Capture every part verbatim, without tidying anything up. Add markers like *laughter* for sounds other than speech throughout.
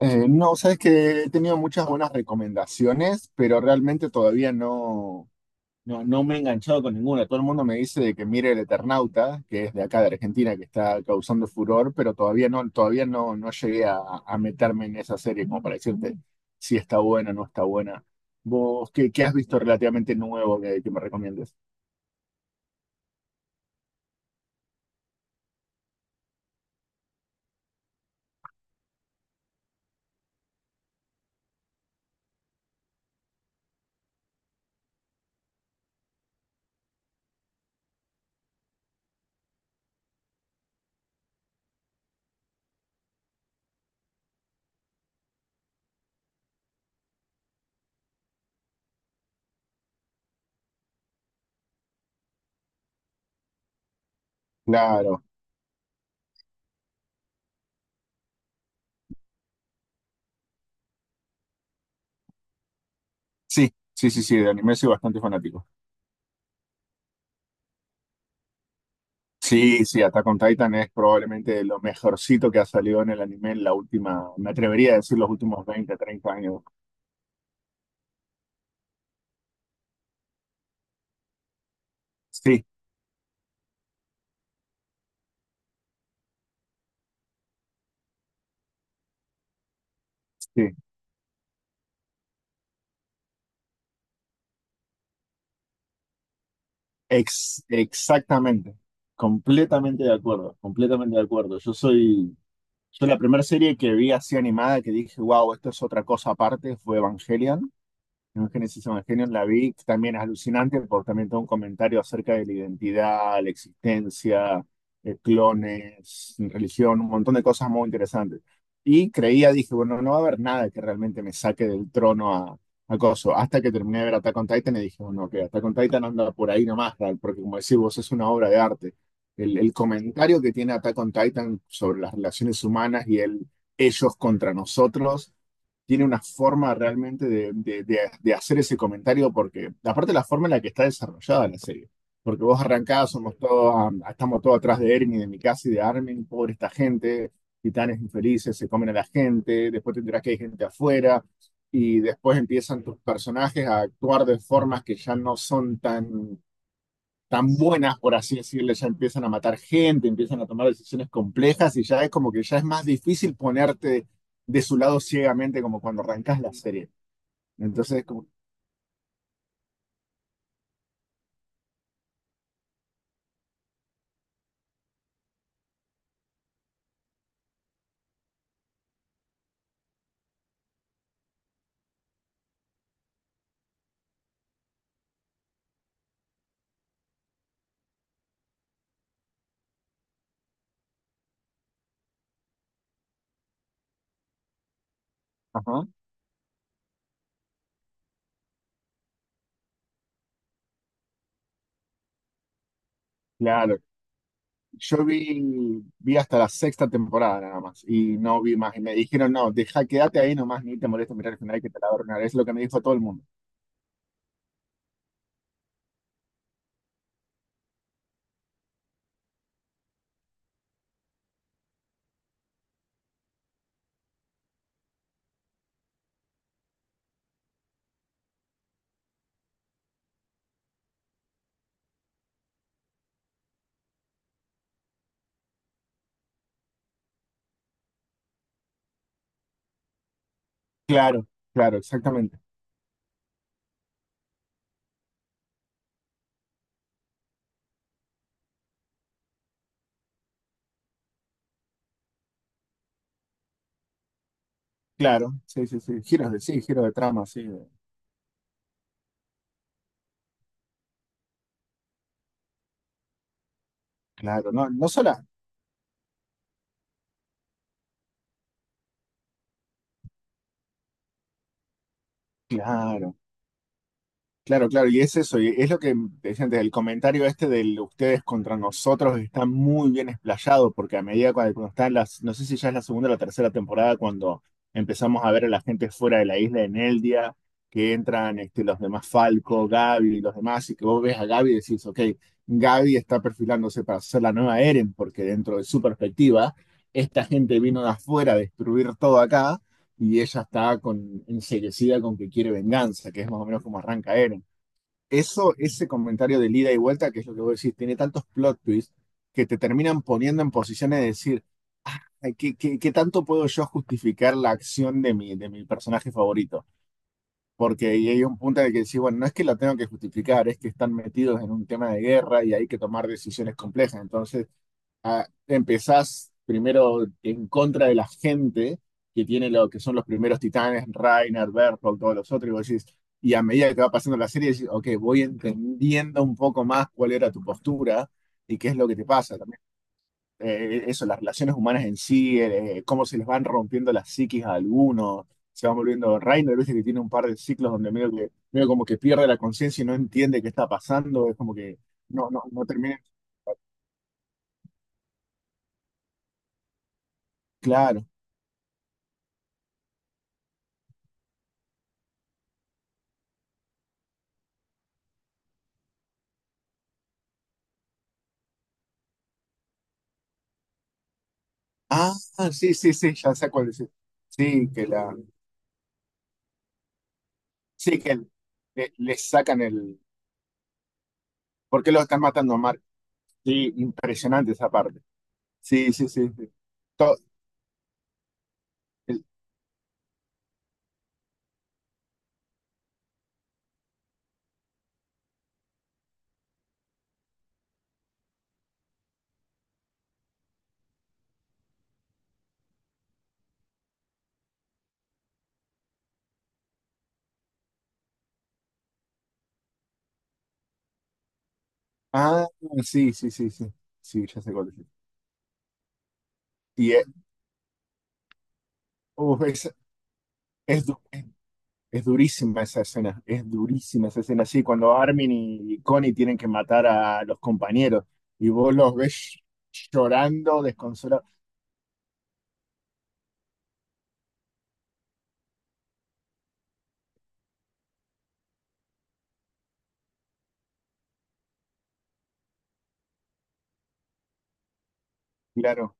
Eh, no, sabes que he tenido muchas buenas recomendaciones, pero realmente todavía no, no, no me he enganchado con ninguna. Todo el mundo me dice de que mire El Eternauta, que es de acá de Argentina, que está causando furor, pero todavía no, todavía no, no llegué a, a meterme en esa serie como para decirte si está buena o no está buena. ¿Vos qué, qué has visto relativamente nuevo que, que me recomiendes? Claro, sí, sí, sí, sí, de anime soy bastante fanático. Sí, sí, Attack on Titan es probablemente lo mejorcito que ha salido en el anime en la última, me atrevería a decir los últimos veinte, treinta años. Sí, sí, ex- exactamente, completamente de acuerdo, completamente de acuerdo. Yo soy, yo la primera serie que vi así animada que dije, wow, esto es otra cosa aparte, fue Evangelion. En Génesis Evangelion la vi, que también es alucinante porque también tengo un comentario acerca de la identidad, la existencia, eh, clones, religión, un montón de cosas muy interesantes. Y creía, dije, bueno, no va a haber nada que realmente me saque del trono a, a Coso. Hasta que terminé de ver Attack on Titan y dije, bueno, que Attack on Titan anda por ahí nomás, Ral, porque como decís vos, es una obra de arte. El, el comentario que tiene Attack on Titan sobre las relaciones humanas y el ellos contra nosotros tiene una forma realmente de, de- de- de hacer ese comentario, porque aparte la forma en la que está desarrollada la serie, porque vos arrancás, somos todos, ah, estamos todos atrás de Ermin, de Mikasa y de Armin, pobre esta gente, titanes infelices, se comen a la gente, después te enterás que hay gente afuera, y después empiezan tus personajes a actuar de formas que ya no son tan tan buenas, por así decirlo, ya empiezan a matar gente, empiezan a tomar decisiones complejas y ya es como que ya es más difícil ponerte de su lado ciegamente como cuando arrancas la serie. Entonces, como, ajá, claro. Yo vi, vi hasta la sexta temporada nada más y no vi más. Y me dijeron, no, deja, quédate ahí nomás, ni te molestes mirar el final que te la va a arruinar. Es lo que me dijo todo el mundo. Claro, claro, exactamente. Claro, sí, sí, sí. Giros de sí, giros de trama, sí. de- Claro, no, no sola. Claro. Claro, claro, y es eso, y es lo que te decía antes, el comentario este de ustedes contra nosotros está muy bien explayado, porque a medida cuando, cuando están las, no sé si ya es la segunda o la tercera temporada, cuando empezamos a ver a la gente fuera de la isla en Eldia, que entran este, los demás Falco, Gaby y los demás, y que vos ves a Gaby y decís, ok, Gaby está perfilándose para ser la nueva Eren, porque dentro de su perspectiva, esta gente vino de afuera a destruir todo acá, y ella está con, enseguecida con que quiere venganza, que es más o menos como arranca Eren. Eso, ese comentario de ida y vuelta, que es lo que vos decís, tiene tantos plot twists que te terminan poniendo en posiciones de decir, "Ay, ¿qué, qué- ¿qué tanto puedo yo justificar la acción de mi, de mi personaje favorito? Porque ahí hay un punto en el que decís, bueno, no es que lo tengo que justificar, es que están metidos en un tema de guerra y hay que tomar decisiones complejas. Entonces, ah, empezás primero en contra de la gente que tiene lo que son los primeros titanes, Reiner, Berthold, todos los otros, y vos decís, y a medida que va pasando la serie, decís, ok, voy entendiendo un poco más cuál era tu postura y qué es lo que te pasa también. Eh, eso, las relaciones humanas en sí, eh, cómo se les van rompiendo las psiquis a algunos, se van volviendo Reiner, viste que tiene un par de ciclos donde medio que, medio como que pierde la conciencia y no entiende qué está pasando, es como que no, no, no termina, claro. Ah, sí, sí, sí, ya sé cuál decir. Sí, que la, sí, que el- le, le sacan el, ¿por qué lo están matando a Mark? Sí, impresionante esa parte. Sí, sí, sí, sí. To- el- ah, sí, sí, sí, sí, sí, ya sé cuál decir. Y eh, uf, es, es, du- es durísima esa escena, es durísima esa escena. Sí, cuando Armin y Connie tienen que matar a los compañeros y vos los ves llorando, desconsolados, claro,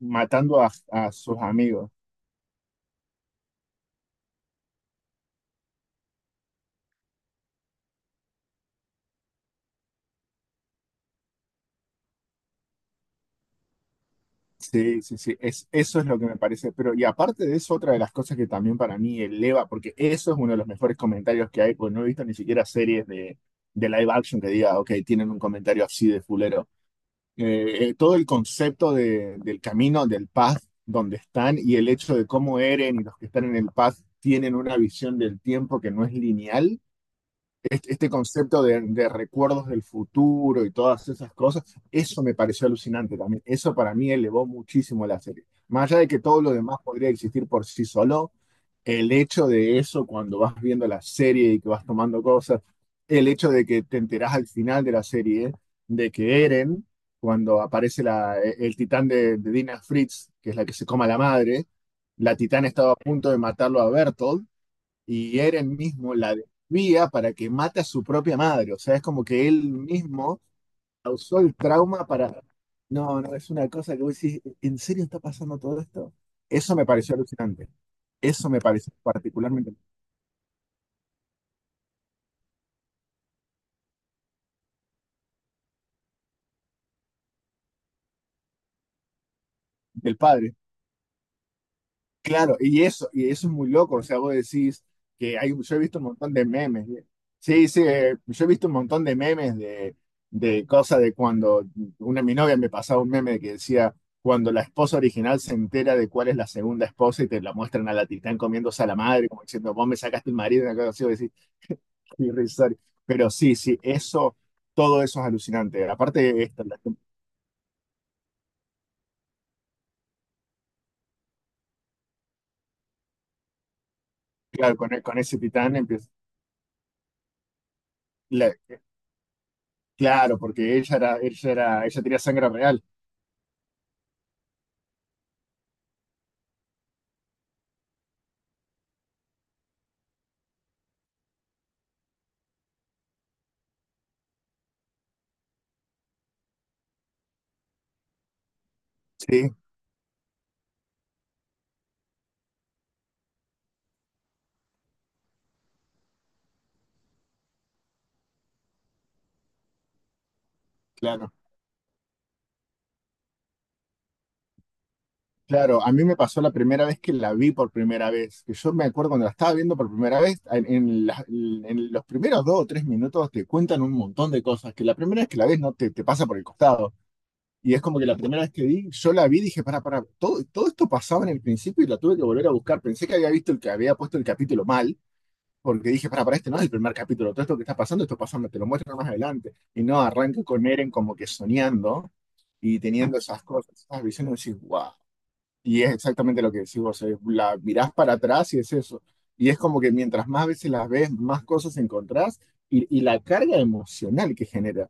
matando a a sus amigos. Sí, sí, sí, es, eso es lo que me parece. Pero, y aparte de eso, otra de las cosas que también para mí eleva, porque eso es uno de los mejores comentarios que hay, porque no he visto ni siquiera series de, de live action que diga, ok, tienen un comentario así de fulero. Eh, eh, todo el concepto de- del camino, del path donde están y el hecho de cómo Eren y los que están en el path tienen una visión del tiempo que no es lineal este este concepto de, de recuerdos del futuro y todas esas cosas, eso me pareció alucinante también. Eso para mí elevó muchísimo la serie. Más allá de que todo lo demás podría existir por sí solo, el hecho de eso cuando vas viendo la serie y que vas tomando cosas, el hecho de que te enterás al final de la serie de que Eren, cuando aparece la, e-, el titán de, de Dina Fritz, que es la que se coma la madre, la titán estaba a punto de matarlo a Bertolt y Eren mismo la desvía para que mate a su propia madre. O sea, es como que él mismo causó el trauma para... No, no, es una cosa que vos decís, ¿en serio está pasando todo esto? Eso me pareció alucinante. Eso me pareció particularmente del padre. Claro, y eso, y eso es muy loco, o sea, vos decís que hay, yo he visto un montón de memes, ¿eh? Sí, sí, eh, yo he visto un montón de memes de, de cosas de cuando una mi novia me pasaba un meme que decía, cuando la esposa original se entera de cuál es la segunda esposa y te la muestran a la titán comiéndose a la madre, como diciendo, vos me sacaste el marido, una cosa así, vos decís, *laughs* qué irrisorio. Pero sí, sí, eso, todo eso es alucinante. Aparte, esto, la- claro, con, con ese titán empieza. Claro, porque ella era, ella era, ella tenía sangre real. Sí, claro. Claro, a mí me pasó la primera vez que la vi por primera vez, que yo me acuerdo cuando la estaba viendo por primera vez, en, en la- en los primeros dos o tres minutos te cuentan un montón de cosas que la primera vez que la ves no te, te pasa por el costado. Y es como que la primera vez que vi, yo la vi y dije, para, para, todo, todo esto pasaba en el principio y la tuve que volver a buscar. Pensé que había visto el que había puesto el capítulo mal, porque dije, para, para, este no es el primer capítulo, todo esto que está pasando, esto pasa, te lo muestro más adelante. Y no, arranca con Eren como que soñando y teniendo esas cosas, esas visiones, decís, wow. Y es exactamente lo que decís vos, eh, la mirás para atrás y es eso. Y es como que mientras más veces las ves, más cosas encontrás y, y la carga emocional que genera.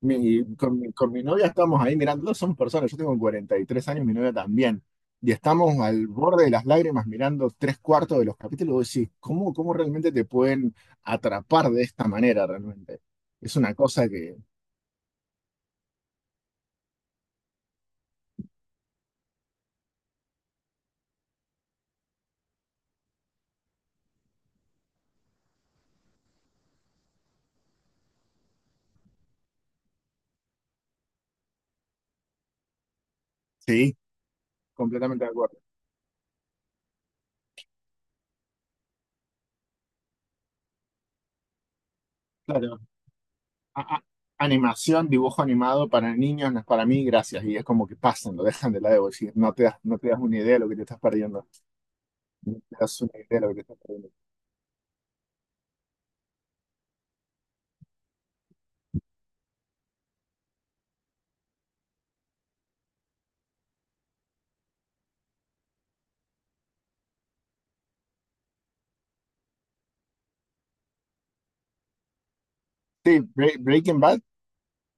Mi- con, mi, con mi novia estamos ahí mirando, dos somos personas, yo tengo cuarenta y tres años, mi novia también. Y estamos al borde de las lágrimas mirando tres cuartos de los capítulos. Y vos decís, ¿cómo, ¿cómo realmente te pueden atrapar de esta manera realmente? Es una cosa que, sí, completamente de acuerdo. Claro, a- a- animación, dibujo animado para niños no es para mí, gracias. Y es como que pasan, lo dejan de lado. Y no te das, no te das una idea de lo que te estás perdiendo. No te das una idea de lo que te estás perdiendo. Bre- Breaking Bad.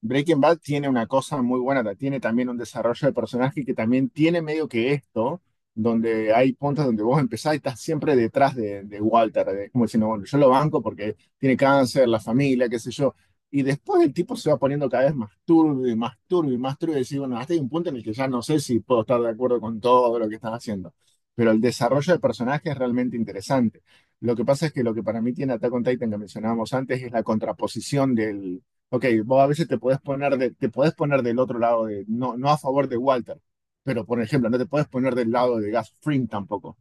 Breaking Bad tiene una cosa muy buena, ta- tiene también un desarrollo de personaje que también tiene medio que esto, donde hay puntos donde vos empezás y estás siempre detrás de, de Walter, de- como diciendo, bueno, yo lo banco porque tiene cáncer, la familia, qué sé yo. Y después el tipo se va poniendo cada vez más turbio y más turbio y más turbio y decís, bueno, hasta hay un punto en el que ya no sé si puedo estar de acuerdo con todo lo que estás haciendo. Pero el desarrollo de personaje es realmente interesante. Lo que pasa es que lo que para mí tiene Attack on Titan que mencionábamos antes es la contraposición. Ok, vos a veces te puedes poner de, te puedes poner del otro lado de, no, no a favor de Walter, pero por ejemplo, no te puedes poner del lado de Gus Fring tampoco.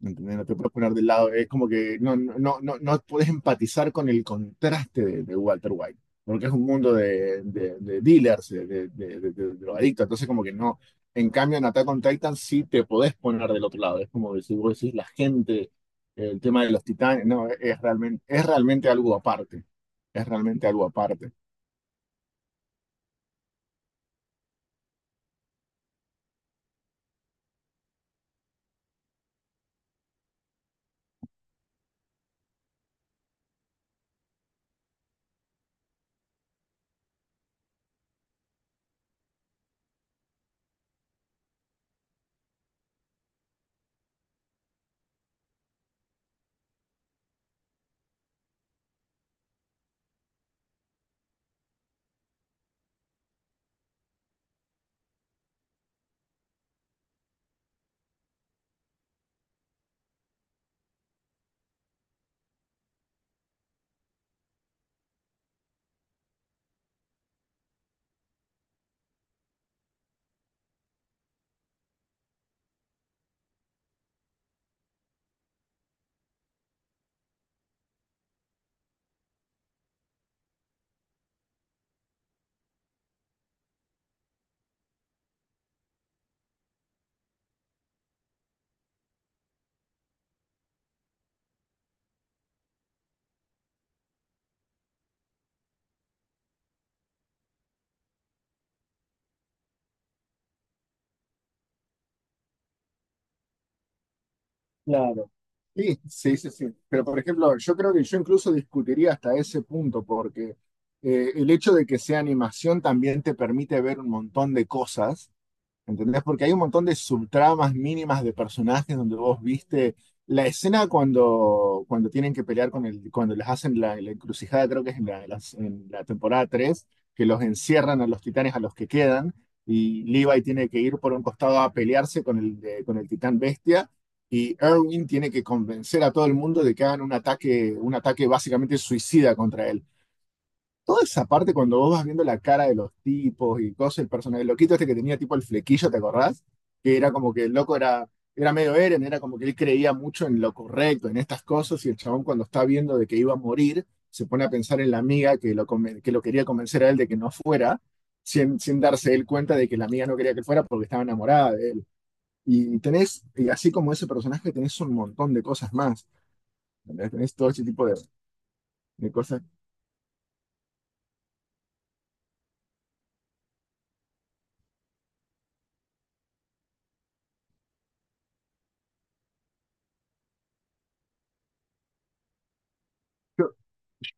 ¿Me ¿Entendés? No te puedes poner del lado, es como que no, no, no, no no puedes empatizar con el contraste de, de Walter White, porque es un mundo de, de- de dealers, de, de, de- de- de drogadictos, entonces como que no. En cambio, en Attack on Titan sí te podés poner del otro lado, es como que si vos decís la gente, el tema de los titanes, no, es realmente, es realmente algo aparte, es realmente algo aparte. Claro. Sí, sí, sí, sí. Pero por ejemplo, yo creo que yo incluso discutiría hasta ese punto, porque eh, el hecho de que sea animación también te permite ver un montón de cosas. ¿Entendés? Porque hay un montón de subtramas mínimas de personajes donde vos viste la escena cuando, cuando tienen que pelear con el, cuando les hacen la, la encrucijada, creo que es en la, las- en la temporada tres que los encierran a los titanes a los que quedan, y Levi tiene que ir por un costado a pelearse con el, de- con el titán bestia, y Erwin tiene que convencer a todo el mundo de que hagan un ataque, un ataque básicamente suicida contra él. Toda esa parte cuando vos vas viendo la cara de los tipos y cosas, el personaje, el loquito este que tenía tipo el flequillo, ¿te acordás? Que era como que el loco era, era medio Eren, era como que él creía mucho en lo correcto, en estas cosas, y el chabón cuando está viendo de que iba a morir, se pone a pensar en la amiga que lo, conven- que lo quería convencer a él de que no fuera, sin, sin darse él cuenta de que la amiga no quería que él fuera porque estaba enamorada de él. Y tenés, y así como ese personaje, tenés un montón de cosas más. ¿Entendés? Tenés todo ese tipo de, de cosas.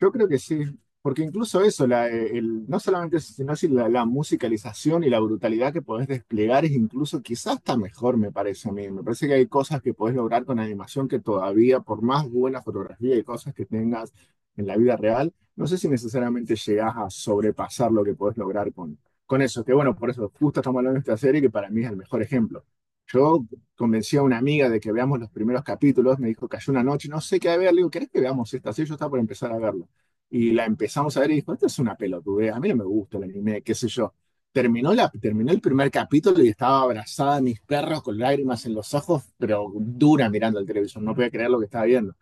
Yo creo que sí, porque incluso eso, la, eh, el, no solamente eso, sino así la, la musicalización y la brutalidad que podés desplegar es incluso quizás hasta mejor, me parece a mí. Me parece que hay cosas que podés lograr con animación que todavía, por más buena fotografía y cosas que tengas en la vida real, no sé si necesariamente llegás a sobrepasar lo que podés lograr con, con eso. Que bueno, por eso justo estamos hablando de esta serie que para mí es el mejor ejemplo. Yo convencí a una amiga de que veamos los primeros capítulos, me dijo, cayó una noche, no sé qué ver, le digo, ¿querés que veamos esta serie? Yo estaba por empezar a verla. Y la empezamos a ver y dijo, esto es una pelotudez, a mí no me gusta el anime, qué sé yo. Terminó, la, terminó el primer capítulo y estaba abrazada a mis perros con lágrimas en los ojos, pero dura mirando el televisor, no podía creer lo que estaba viendo.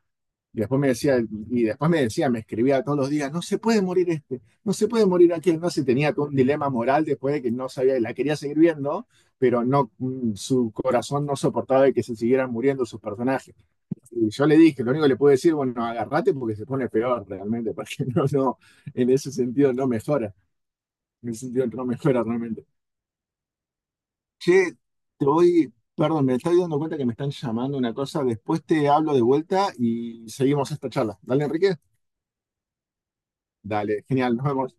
Y después me decía, y después me decía, me escribía todos los días, no se puede morir este, no se puede morir aquel, no sé, tenía todo un dilema moral después de que no sabía, la quería seguir viendo, pero no, mm, su corazón no soportaba de que se siguieran muriendo sus personajes. Y yo le dije, lo único que le puedo decir, bueno, agarrate porque se pone peor realmente, *laughs* porque no, no, en ese sentido no mejora, en ese sentido no mejora realmente. Che, te voy, perdón, me estoy dando cuenta que me están llamando una cosa, después te hablo de vuelta y seguimos esta charla. Dale, Enrique. Dale, genial, nos vemos.